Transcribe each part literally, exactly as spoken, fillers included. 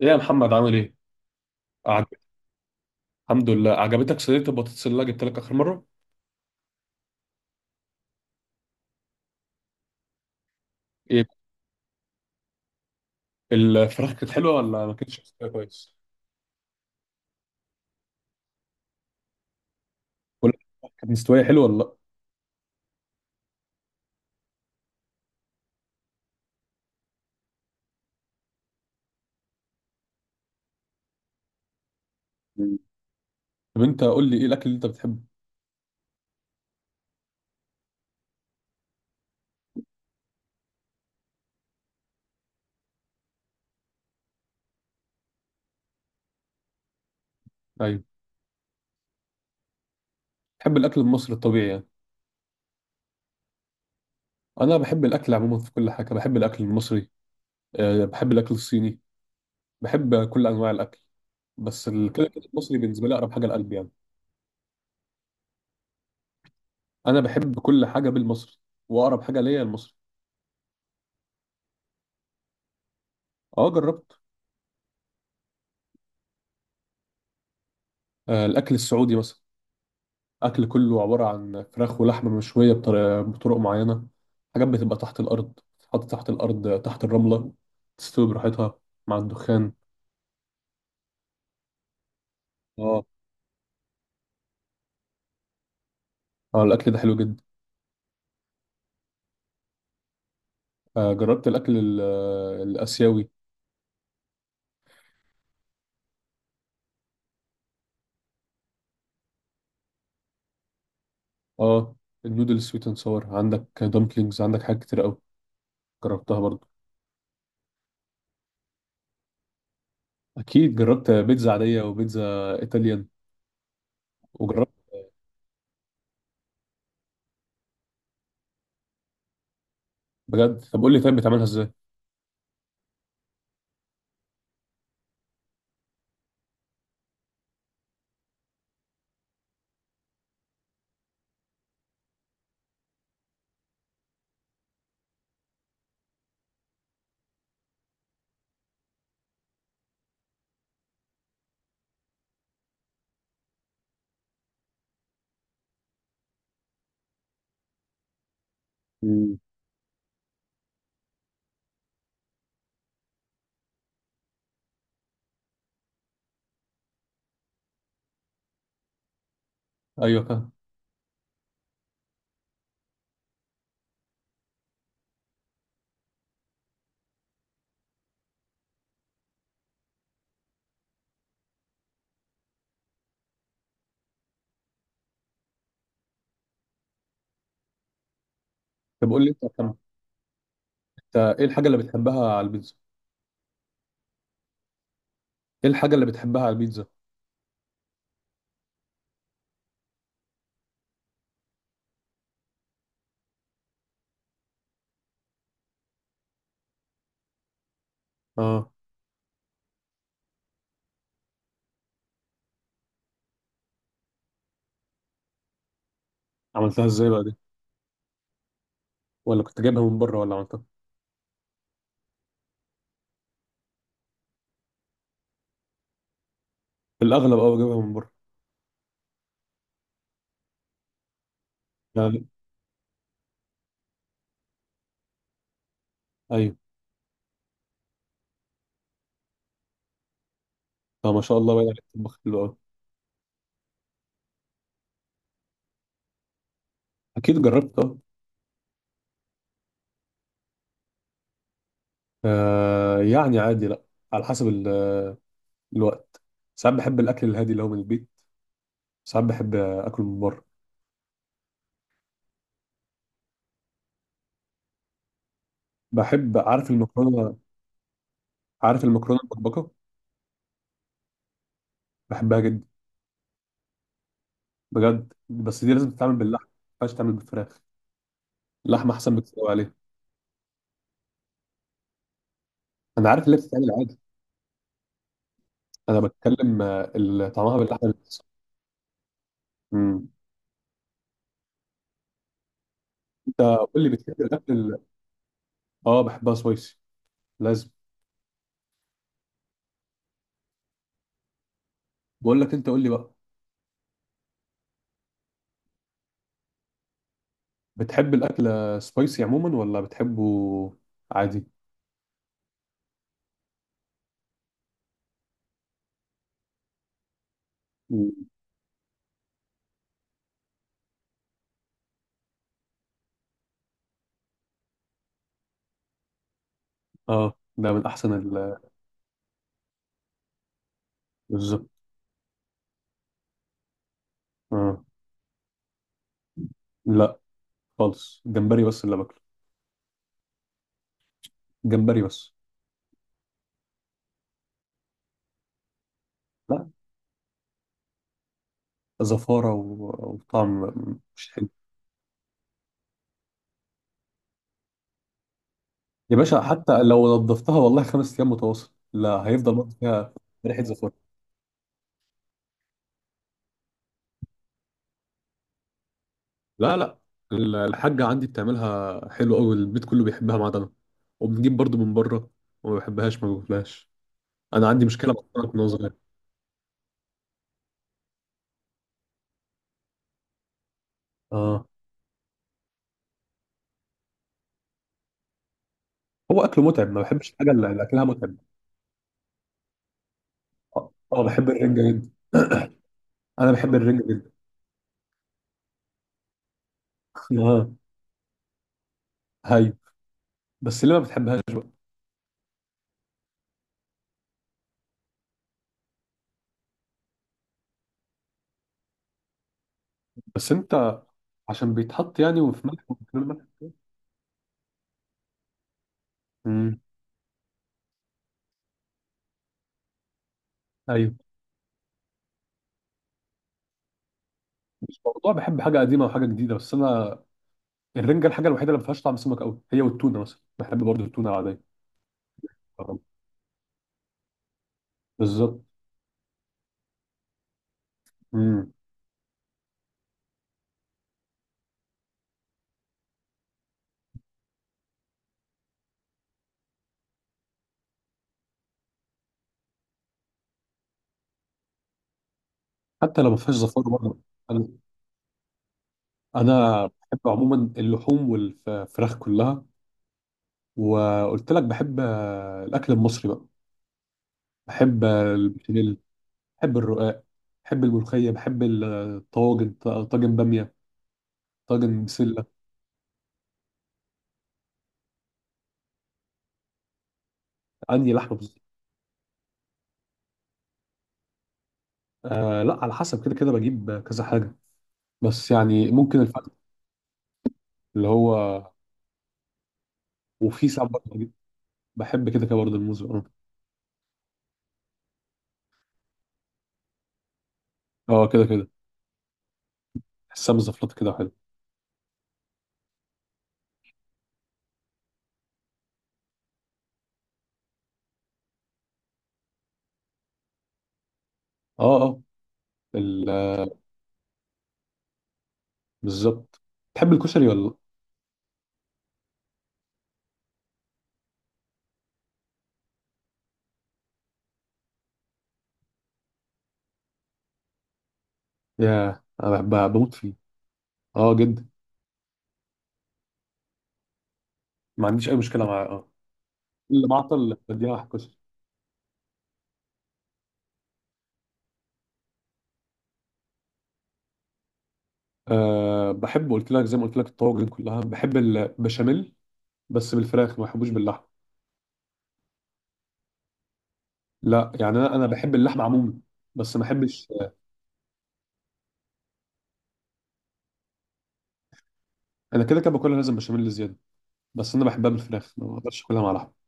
ايه يا محمد عامل ايه؟ أعج... الحمد لله. عجبتك صينية البطاطس اللي أنا جبت لك آخر مرة؟ ايه. الفراخ كانت حلوة ولا ما كانتش مستوية كويس؟ ولا الفراخ كانت مستوية حلوة ولا لا؟ مم. طب انت قول لي ايه الأكل اللي انت بتحبه؟ ايوه، بتحب الأكل المصري الطبيعي يعني. أنا بحب الأكل عموما، في كل حاجة بحب الأكل المصري. أه بحب الأكل الصيني. بحب كل أنواع الأكل. بس ال- كده كده المصري بالنسبة لي أقرب حاجة لقلبي يعني. أنا بحب كل حاجة بالمصري، وأقرب حاجة ليا المصري. أه جربت. أه الأكل السعودي مثلا. اكل كله عباره عن فراخ ولحمه مشويه بطر- بطرق معينه. حاجات بتبقى تحت الارض، تتحط تحت الارض تحت الرمله، تستوي براحتها مع الدخان. اه. اه الاكل ده حلو جدا. آه جربت الاكل ال- آه، الاسيوي. اه، النودل سويت اند ساور، عندك دمبلينجز، عندك حاجات كتير قوي. جربتها برضو. اكيد جربت بيتزا عاديه وبيتزا ايطاليان. وجربت. بجد؟ طب قول لي، طيب بتعملها ازاي؟ مم. ايوه فاهم. طب قول لي انت، أنت ايه الحاجه اللي بتحبها على البيتزا؟ ايه الحاجه اللي بتحبها على البيتزا؟ اه. عملتها ازاي بقى دي؟ ولا كنت جايبها من بره ولا عملتها؟ في الاغلب اه، جايبها من بره. يعني، ايوه. طب ما شاء الله، باين عليك تطبخ حلو قوي. اكيد جربت اه. آه، يعني عادي لا. على حسب ال- آه، الوقت. ساعات بحب الاكل الهادي اللي هو من البيت، ساعات بحب آه، اكل من بره. بحب، عارف، المكرونه. عارف المكرونه المبكبكه؟ بحبها جدا. بجد، بس دي لازم تتعمل باللحمه، ما ينفعش تعمل بالفراخ. اللحمه احسن بكتير قوي عليها. انا عارف اللي بتتعمل عادي. انا بتكلم آه، ال- طعمها باللحمه اللي بتحصل. مم. انت قول لي بتحب الاكل. اه، بحبها سبايسي. لازم. بقول لك، انت قول لي بقى. بتحب الاكل سبايسي عموما ولا بتحبه عادي؟ مم. اه، ده من احسن ال- بالظبط. اه لا خالص، جمبري بس اللي باكله. جمبري بس. لا، زفاره و- وطعم مش حلو. يا باشا، حتى لو نضفتها والله خمس ايام متواصل، لا، هيفضل برضه فيها ريحه زفاره. لا لا، ال- الحاجه عندي بتعملها حلو قوي، البيت كله بيحبها ما عدا انا. وبنجيب برضه من بره، وما بحبهاش ما باكلهاش. انا عندي مشكله مع السمك من وأنا صغير. اه. هو اكله متعب، ما بحبش الحاجه اللي اللي اكلها متعب. اه. آه، بحب الرنجه جدا. انا بحب الرنجه جدا. اه. هاي. بس ليه ما بتحبهاش بقى؟ بس انت عشان بيتحط يعني، وفي ملح والكلام ده. امم. ايوه. مش موضوع بحب حاجه قديمه وحاجه جديده، بس انا الرنجه الحاجه الوحيده اللي ما فيهاش طعم سمك قوي، هي والتونه مثلا، بحب برضه التونه العاديه. آه. بالظبط. امم. حتى لو ما فيهاش زفاره برضه. انا أنا بحب عموما اللحوم والفراخ كلها. وقلت لك بحب آه، الأكل المصري بقى. بحب آه، البشاميل. بحب الرقاق. بحب الملوخية. بحب ال- الطواجن، ط- طاجن بامية، طاجن بسلة. عندي لحمة بس. آه لا، على حسب كده كده بجيب كذا حاجة. بس يعني ممكن الفخذ، اللي هو. وفي ساعات برضه بجيب- بحب كده كده برضه الموز، اه. اه، كده كده بحسها مزفلطة كده وحلو. اه، اه ال- آه، بالظبط. تحب الكشري ولا لا؟ ياه، انا بحب- بموت فيه. اه جدا. ما عنديش اي مشكلة معاه، اه. اللي معطل بديها واحد كشري. أه بحب، قلت لك زي ما قلت لك الطواجن كلها، بحب البشاميل، بس بالفراخ، ما بحبوش باللحمه. لا يعني انا انا بحب اللحمه عموما، بس ما بحبش. انا كده كده باكلها لازم بشاميل زياده. بس انا بحبها بالفراخ، ما بقدرش اكلها مع لحمه.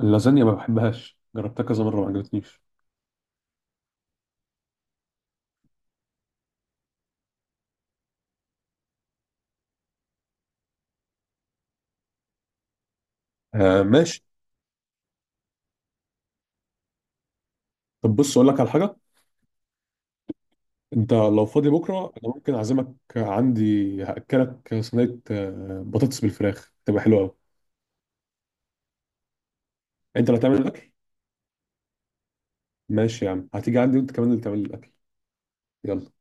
اللازانيا ما بحبهاش، جربتها كذا مره ما عجبتنيش. أه ماشي. طب بص اقول لك على حاجه. انت لو فاضي بكره، انا ممكن اعزمك عندي. هاكلك صينيه آه، بطاطس بالفراخ، تبقى حلوه قوي. انت اللي هتعمل الاكل؟ ماشي يا عم، هتيجي عندي وانت كمان اللي تعمل الاكل. يلا.